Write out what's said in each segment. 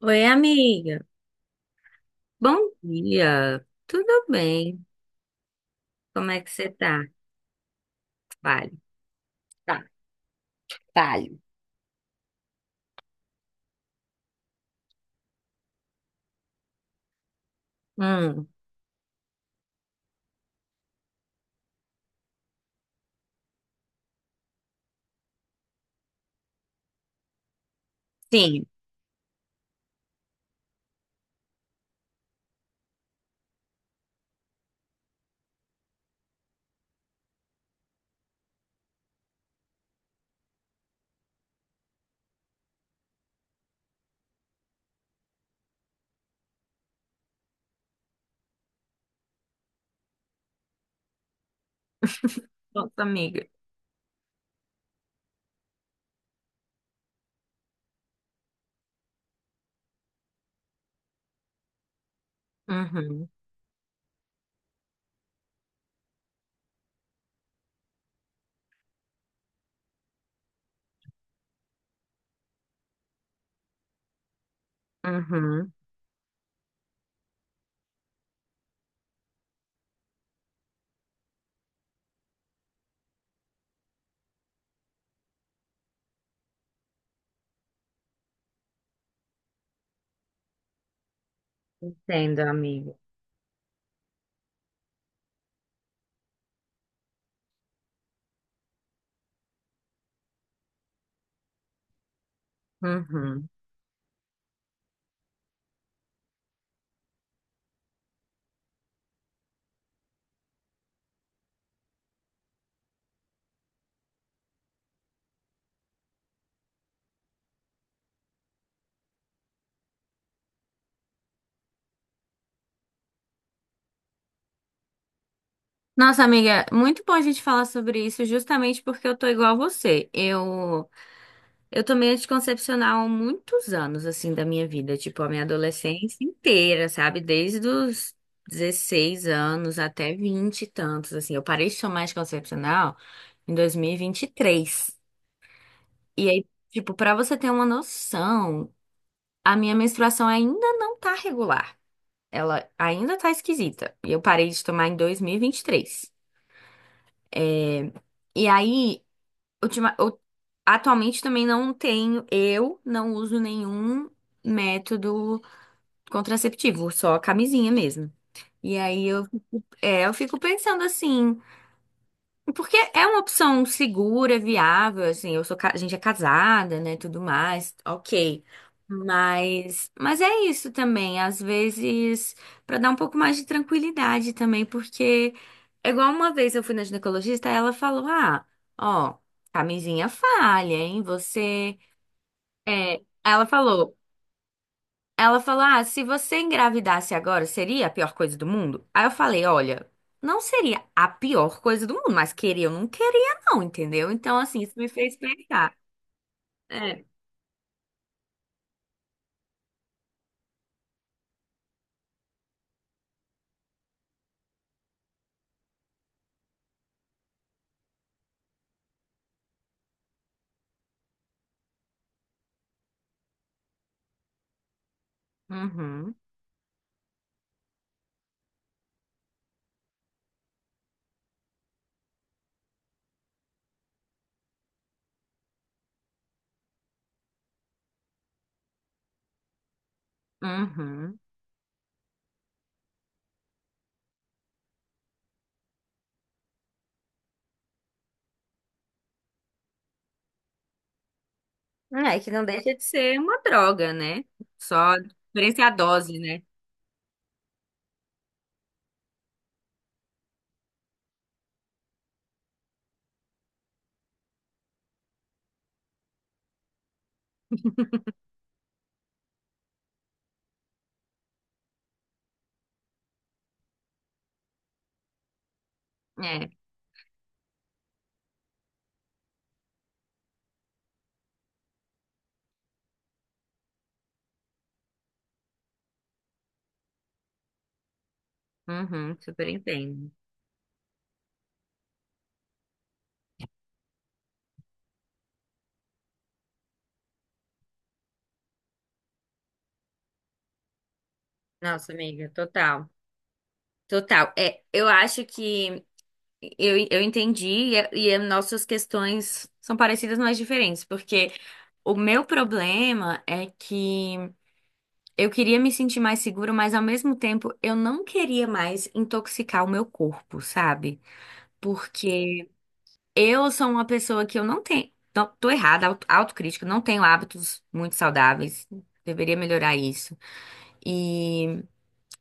Oi, amiga. Bom dia. Tudo bem? Como é que você tá? Vale. Tá, Talho. Hum, sim. Nossa, amiga. Uhum, uhum. Entendo, amiga. Uhum. Nossa, amiga, muito bom a gente falar sobre isso, justamente porque eu tô igual a você. Eu tomei anticoncepcional há muitos anos, assim, da minha vida, tipo, a minha adolescência inteira, sabe? Desde os 16 anos até 20 e tantos, assim. Eu parei de tomar anticoncepcional em dois mil e vinte e três. E aí, tipo, pra você ter uma noção, a minha menstruação ainda não tá regular. Ela ainda tá esquisita. E eu parei de tomar em 2023. E vinte e três. E aí, ultima, eu- atualmente também não tenho, eu não uso nenhum método contraceptivo, só a camisinha mesmo. E aí eu fico pensando assim, porque é uma opção segura, viável, assim, eu sou, a gente é casada, né, tudo mais, ok. Mas é isso também, às vezes, para dar um pouco mais de tranquilidade também, porque é igual uma vez eu fui na ginecologista, ela falou: "Ah, ó, camisinha falha, hein? Você..." é, ela falou, Ela falou: "Ah, se você engravidasse agora, seria a pior coisa do mundo?" Aí eu falei: "Olha, não seria a pior coisa do mundo, mas queria ou não queria, não, entendeu?" Então, assim, isso me fez pensar. É. Uhum, uhum. É que não deixa de ser uma droga, né? Só diferença é a dose, né? É. Uhum, super entendo. Nossa, amiga, total. Total. É, eu acho que eu entendi e as nossas questões são parecidas, mas diferentes, porque. O meu problema é que eu queria me sentir mais segura, mas ao mesmo tempo eu não queria mais intoxicar o meu corpo, sabe? Porque eu sou uma pessoa que eu não tenho. Não, tô errada, autocrítica, não tenho hábitos muito saudáveis. Deveria melhorar isso. E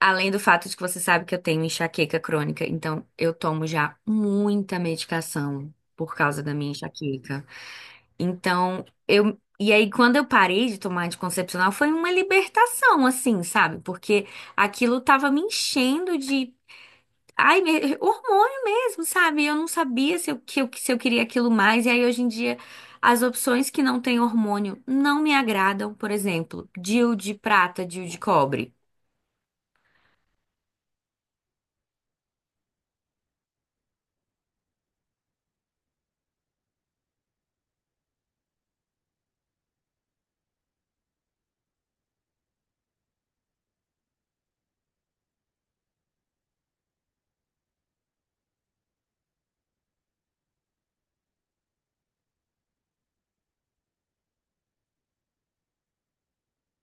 além do fato de que você sabe que eu tenho enxaqueca crônica, então eu tomo já muita medicação por causa da minha enxaqueca. Então, eu. E aí, quando eu parei de tomar anticoncepcional, foi uma libertação, assim, sabe? Porque aquilo tava me enchendo de. Ai, hormônio mesmo, sabe? Eu não sabia se eu, que eu, se eu queria aquilo mais. E aí, hoje em dia, as opções que não têm hormônio não me agradam. Por exemplo, DIU de prata, DIU de cobre.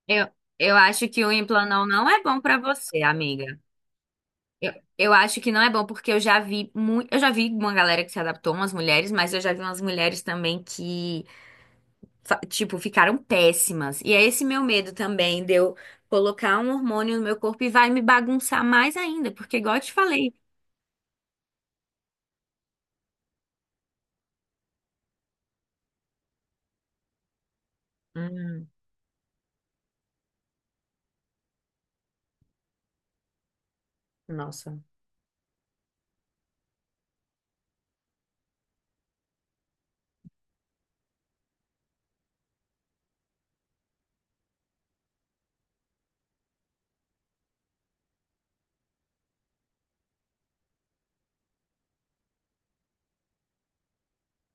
Eu, eu acho que o Implanão não é bom pra você, amiga. Eu, eu acho que não é bom, porque eu já vi muito. Eu já vi uma galera que se adaptou, umas mulheres, mas eu já vi umas mulheres também que, tipo, ficaram péssimas. E é esse meu medo também, de eu colocar um hormônio no meu corpo e vai me bagunçar mais ainda, porque, igual eu te falei. Hum, nossa.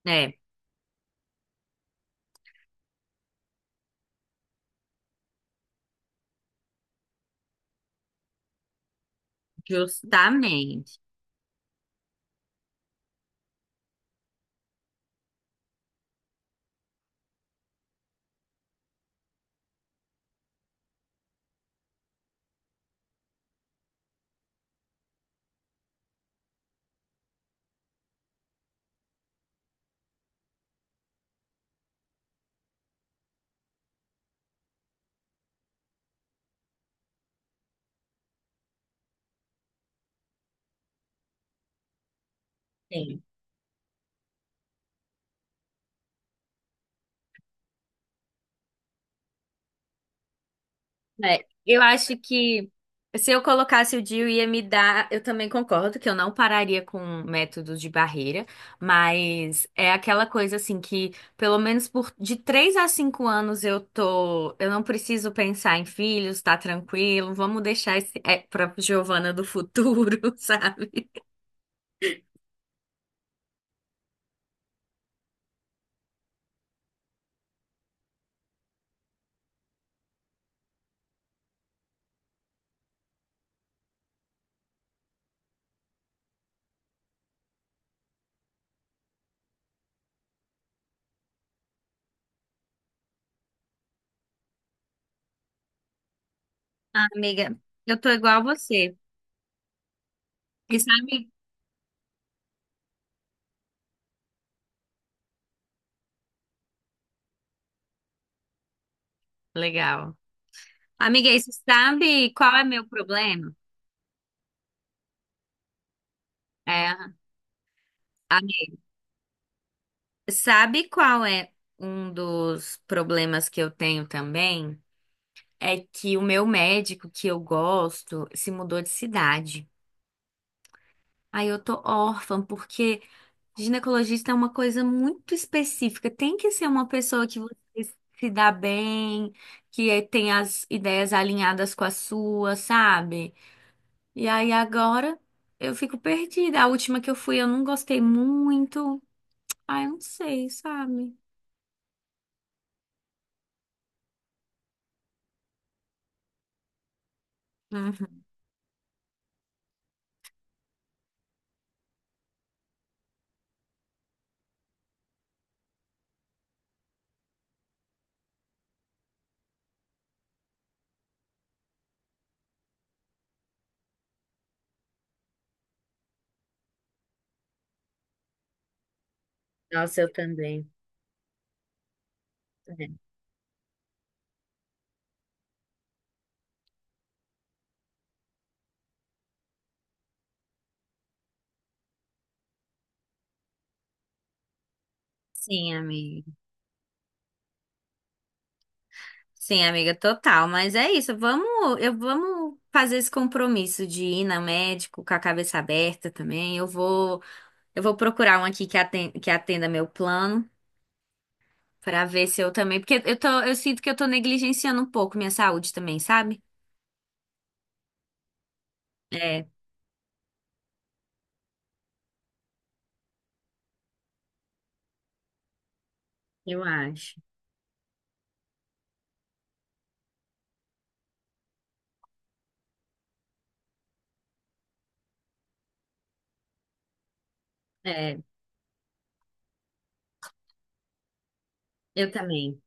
É, justamente. É, eu acho que se eu colocasse o DIU ia me dar. Eu também concordo que eu não pararia com métodos de barreira, mas é aquela coisa assim que, pelo menos por de 3 a 5 anos, eu tô. Eu não preciso pensar em filhos, tá tranquilo, vamos deixar esse é, pra Giovana do futuro, sabe? Ah, amiga, eu tô igual a você. E sabe? Legal. Amiga, e você sabe qual é meu problema? É. Sabe qual é um dos problemas que eu tenho também? É que o meu médico que eu gosto se mudou de cidade. Aí eu tô órfã, porque ginecologista é uma coisa muito específica. Tem que ser uma pessoa que você se dá bem, que tem as ideias alinhadas com a sua, sabe? E aí agora eu fico perdida. A última que eu fui, eu não gostei muito. Ai, eu não sei, sabe? Uhum. Nossa, eu também. Sim, amiga. Sim, amiga, total. Mas é isso. Vamos, eu vamos fazer esse compromisso de ir na médico com a cabeça aberta também. Eu vou procurar um aqui que atenda meu plano pra ver se eu também, porque eu tô, eu sinto que eu tô negligenciando um pouco minha saúde também, sabe? É, eu acho. É, eu também.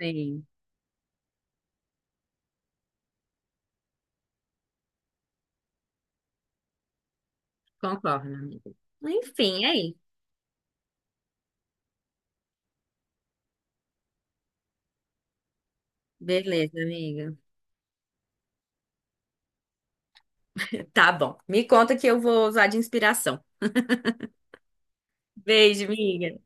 Sim, concordo, amiga. Enfim, é isso. Beleza, amiga. Tá bom. Me conta que eu vou usar de inspiração. Beijo, amiga.